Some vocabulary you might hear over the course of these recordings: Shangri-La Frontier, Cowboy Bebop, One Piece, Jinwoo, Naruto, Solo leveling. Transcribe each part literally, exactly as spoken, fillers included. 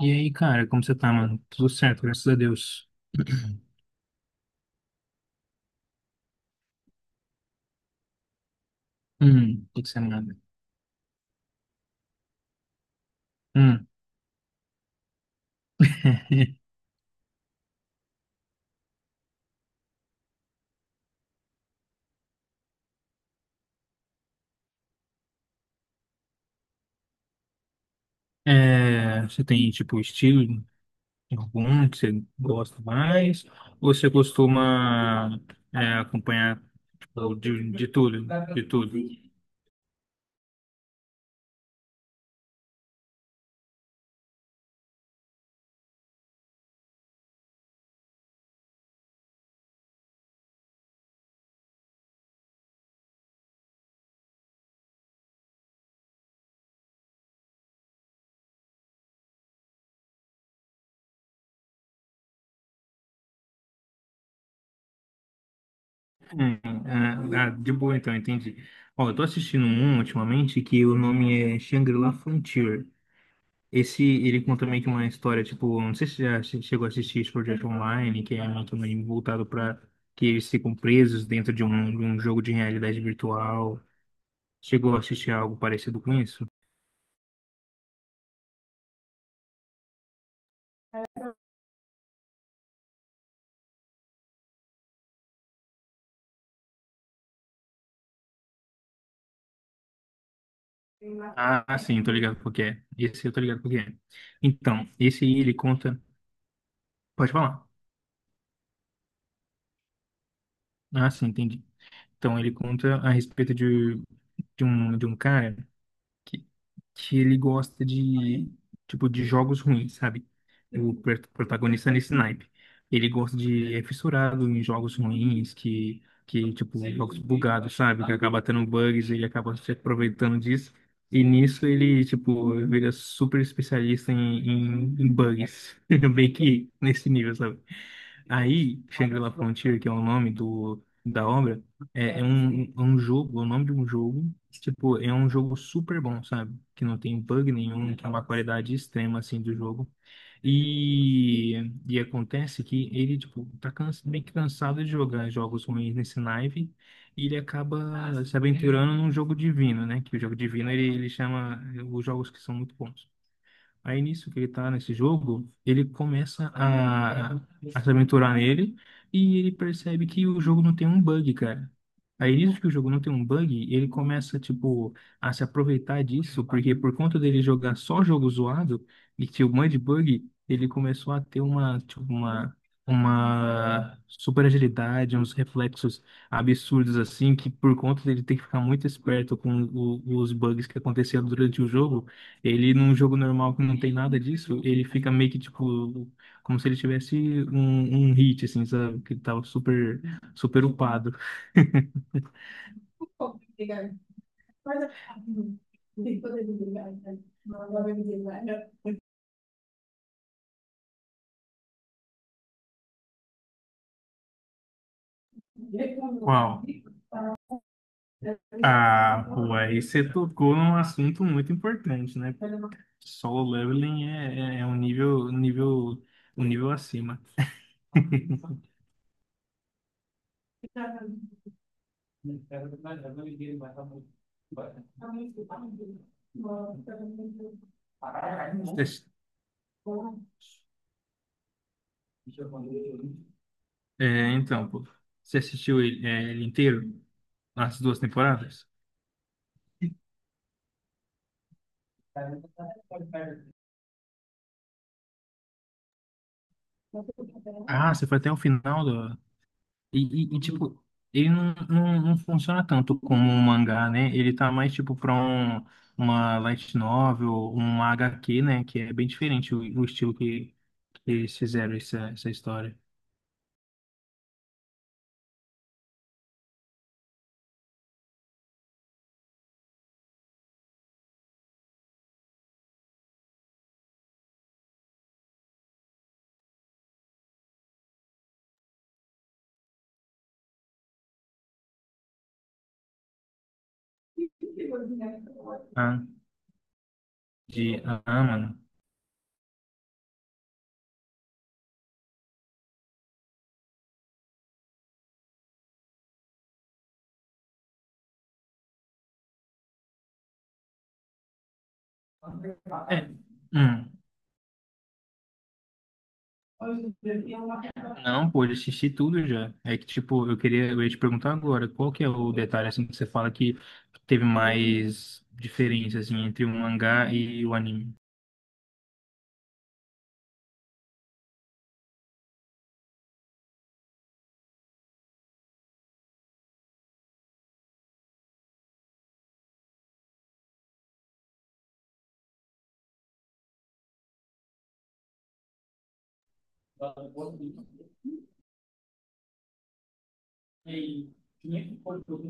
E aí, cara, como você tá, mano? Tudo certo, graças a Deus. Hum, o que que você manda? Hum. É, você tem, tipo, estilo algum que você gosta mais? Ou você costuma é, acompanhar tipo, de, de tudo? De tudo. Hum, ah, ah, de boa, então, entendi. Ó, eu tô assistindo um ultimamente que o nome é Shangri-La Frontier. Esse, ele conta meio que uma história, tipo, não sei se já che- chegou a assistir esse projeto online, que é meio que um anime voltado para que eles ficam presos dentro de um, de um jogo de realidade virtual. Chegou a assistir algo parecido com isso? Ah, sim, tô ligado porque é. Esse eu tô ligado porque é. Então, esse aí ele conta. Pode falar. Ah, sim, entendi. Então, ele conta a respeito de, de um, de um cara, que, que ele gosta de, tipo, de jogos ruins, sabe? O per- protagonista é nesse naipe. Ele gosta de, é fissurado em jogos ruins, que, que, tipo, jogos bugados, sabe? Que acaba tendo bugs, ele acaba se aproveitando disso. E nisso ele, tipo, vira super especialista em, em, em bugs. Bem que nesse nível, sabe. Aí, Shangri-La Frontier, que é o nome do, da obra, é, é um, é um jogo, é o nome de um jogo, tipo, é um jogo super bom, sabe? Que não tem bug nenhum, que é uma qualidade extrema, assim, do jogo. E, e acontece que ele, tipo, tá cansa, meio que cansado de jogar jogos ruins nesse Nive, e ele acaba se aventurando num jogo divino, né? Que o jogo divino, ele, ele chama os jogos que são muito bons. Aí nisso que ele tá nesse jogo, ele começa a, a se aventurar nele e ele percebe que o jogo não tem um bug, cara. Aí nisso que o jogo não tem um bug, ele começa, tipo, a se aproveitar disso, porque por conta dele jogar só jogo zoado e tinha um monte de bug, ele começou a ter uma, tipo, uma, uma super agilidade, uns reflexos absurdos assim, que por conta dele ter que ficar muito esperto com o- os bugs que aconteciam durante o jogo, ele, num jogo normal que não tem nada disso, ele fica meio que, tipo, como se ele tivesse um, um hit, assim, sabe? Que ele tava super, super upado. Uau. Ah, pô, aí você tocou num assunto muito importante, né? Solo leveling é, é é um nível, um nível, um nível acima. Você. É, então, pô, você assistiu ele, é, ele inteiro? As duas temporadas? Ah, você foi até o final do... E, e- e, tipo, ele não, não, não funciona tanto como um mangá, né? Ele tá mais, tipo, pra um, uma light novel, uma H Q, né? Que é bem diferente o, o estilo que, que eles fizeram essa, essa história. Ah, de. Ah, mano. É. Hum. Não, pô, eu assisti tudo já. É que, tipo, eu queria, eu ia te perguntar agora, qual que é o detalhe, assim, que você fala que teve mais diferença, assim, entre o mangá e o anime?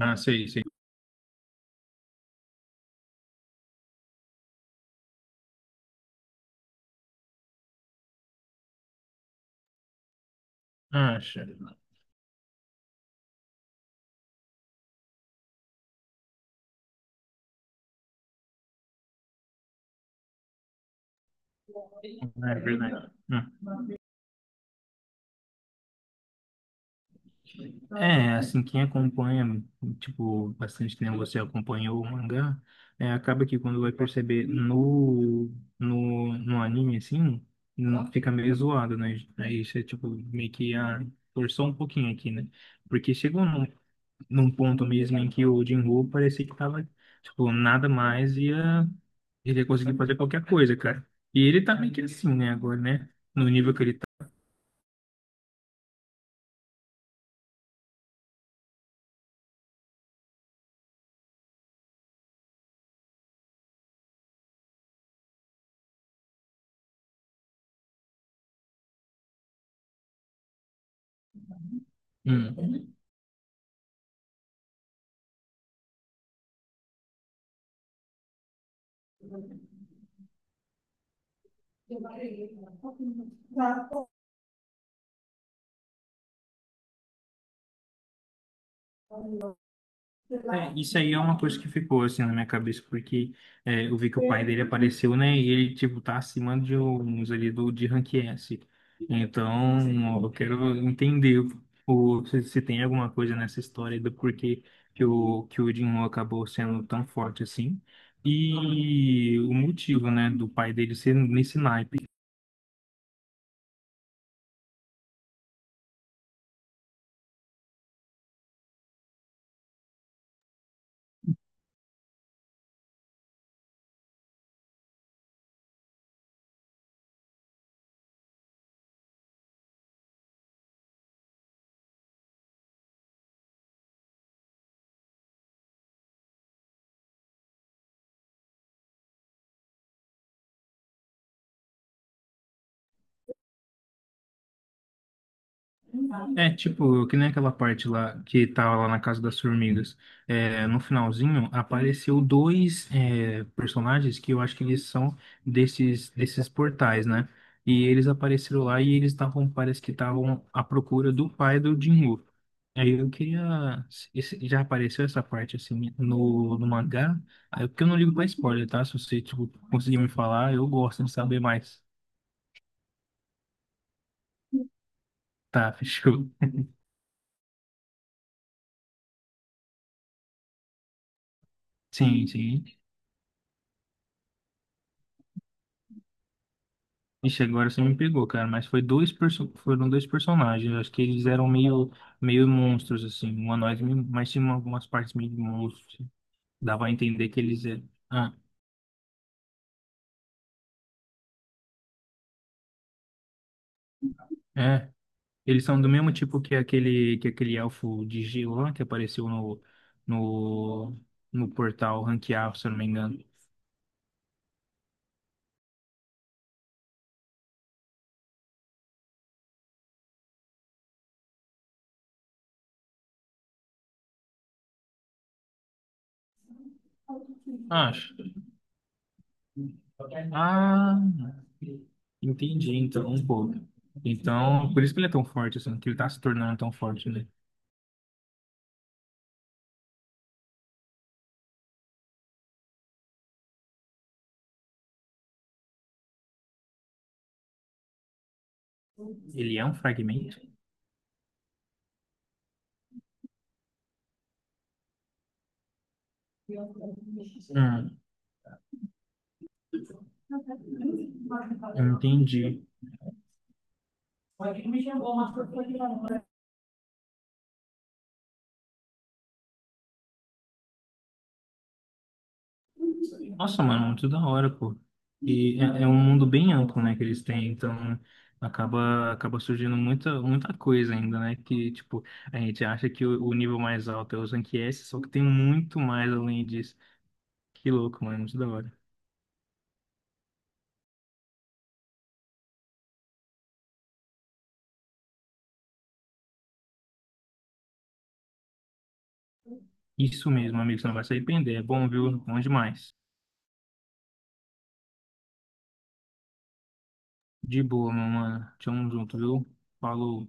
Ah, sei, sei. Ah, acha. É verdade. Hum. É, assim, quem acompanha, tipo, bastante tempo você acompanhou o mangá, é, acaba que quando vai perceber no, no, no anime, assim, não, fica meio zoado, né? Aí você, tipo, meio que ah, forçou um pouquinho aqui, né? Porque chegou num, num ponto mesmo em que o Jinwoo parecia que tava, tipo, nada mais ia, ele ia conseguir fazer qualquer coisa, cara. E ele tá meio que assim, né, agora, né? No nível que ele tá. Hum. É, isso aí é uma coisa que ficou assim na minha cabeça, porque é, eu vi que o pai dele apareceu, né? E ele, tipo, tá acima de uns ali do, de rank S. Então, ó, eu quero entender o, se, se tem alguma coisa nessa história do porquê que o, que o Jinwoo acabou sendo tão forte assim. E o motivo, né, do pai dele ser nesse naipe. É, tipo, que nem aquela parte lá que tava lá na Casa das Formigas. É, no finalzinho apareceu dois é, personagens que eu acho que eles são desses, desses portais, né? E eles apareceram lá e eles estavam, parece que estavam à procura do pai do Jinwoo. Aí eu queria. Esse. Já apareceu essa parte assim no, no mangá? Aí, porque eu não ligo pra spoiler, tá? Se você, tipo, conseguir me falar, eu gosto de saber mais. Tá, fechou. Sim, sim. Ixi, agora você me pegou, cara, mas foi dois perso- foram dois personagens, acho que eles eram meio, meio monstros, assim, humanoides, meio, mas tinha algumas partes meio de monstros, dava a entender que eles eram, ah, é, eles são do mesmo tipo que aquele, que aquele elfo de gelo lá, que apareceu no, no, no portal ranquear, se eu não me engano, acho, ah, entendi, então, um pouco, então, por isso que ele é tão forte, assim, que ele tá se tornando tão forte, né? Ele é um fragmento? Hum, entendi. Nossa, mano, muito da hora, pô. E é, é um mundo bem amplo, né, que eles têm, então acaba, acaba surgindo muita, muita coisa ainda, né, que, tipo, a gente acha que o, o nível mais alto é o Rank S, só que tem muito mais além disso. Que louco, mano, muito da hora. Isso mesmo, amigo, você não vai se arrepender, é bom, viu? É bom demais. De boa, meu mano. Tamo junto, viu? Falou.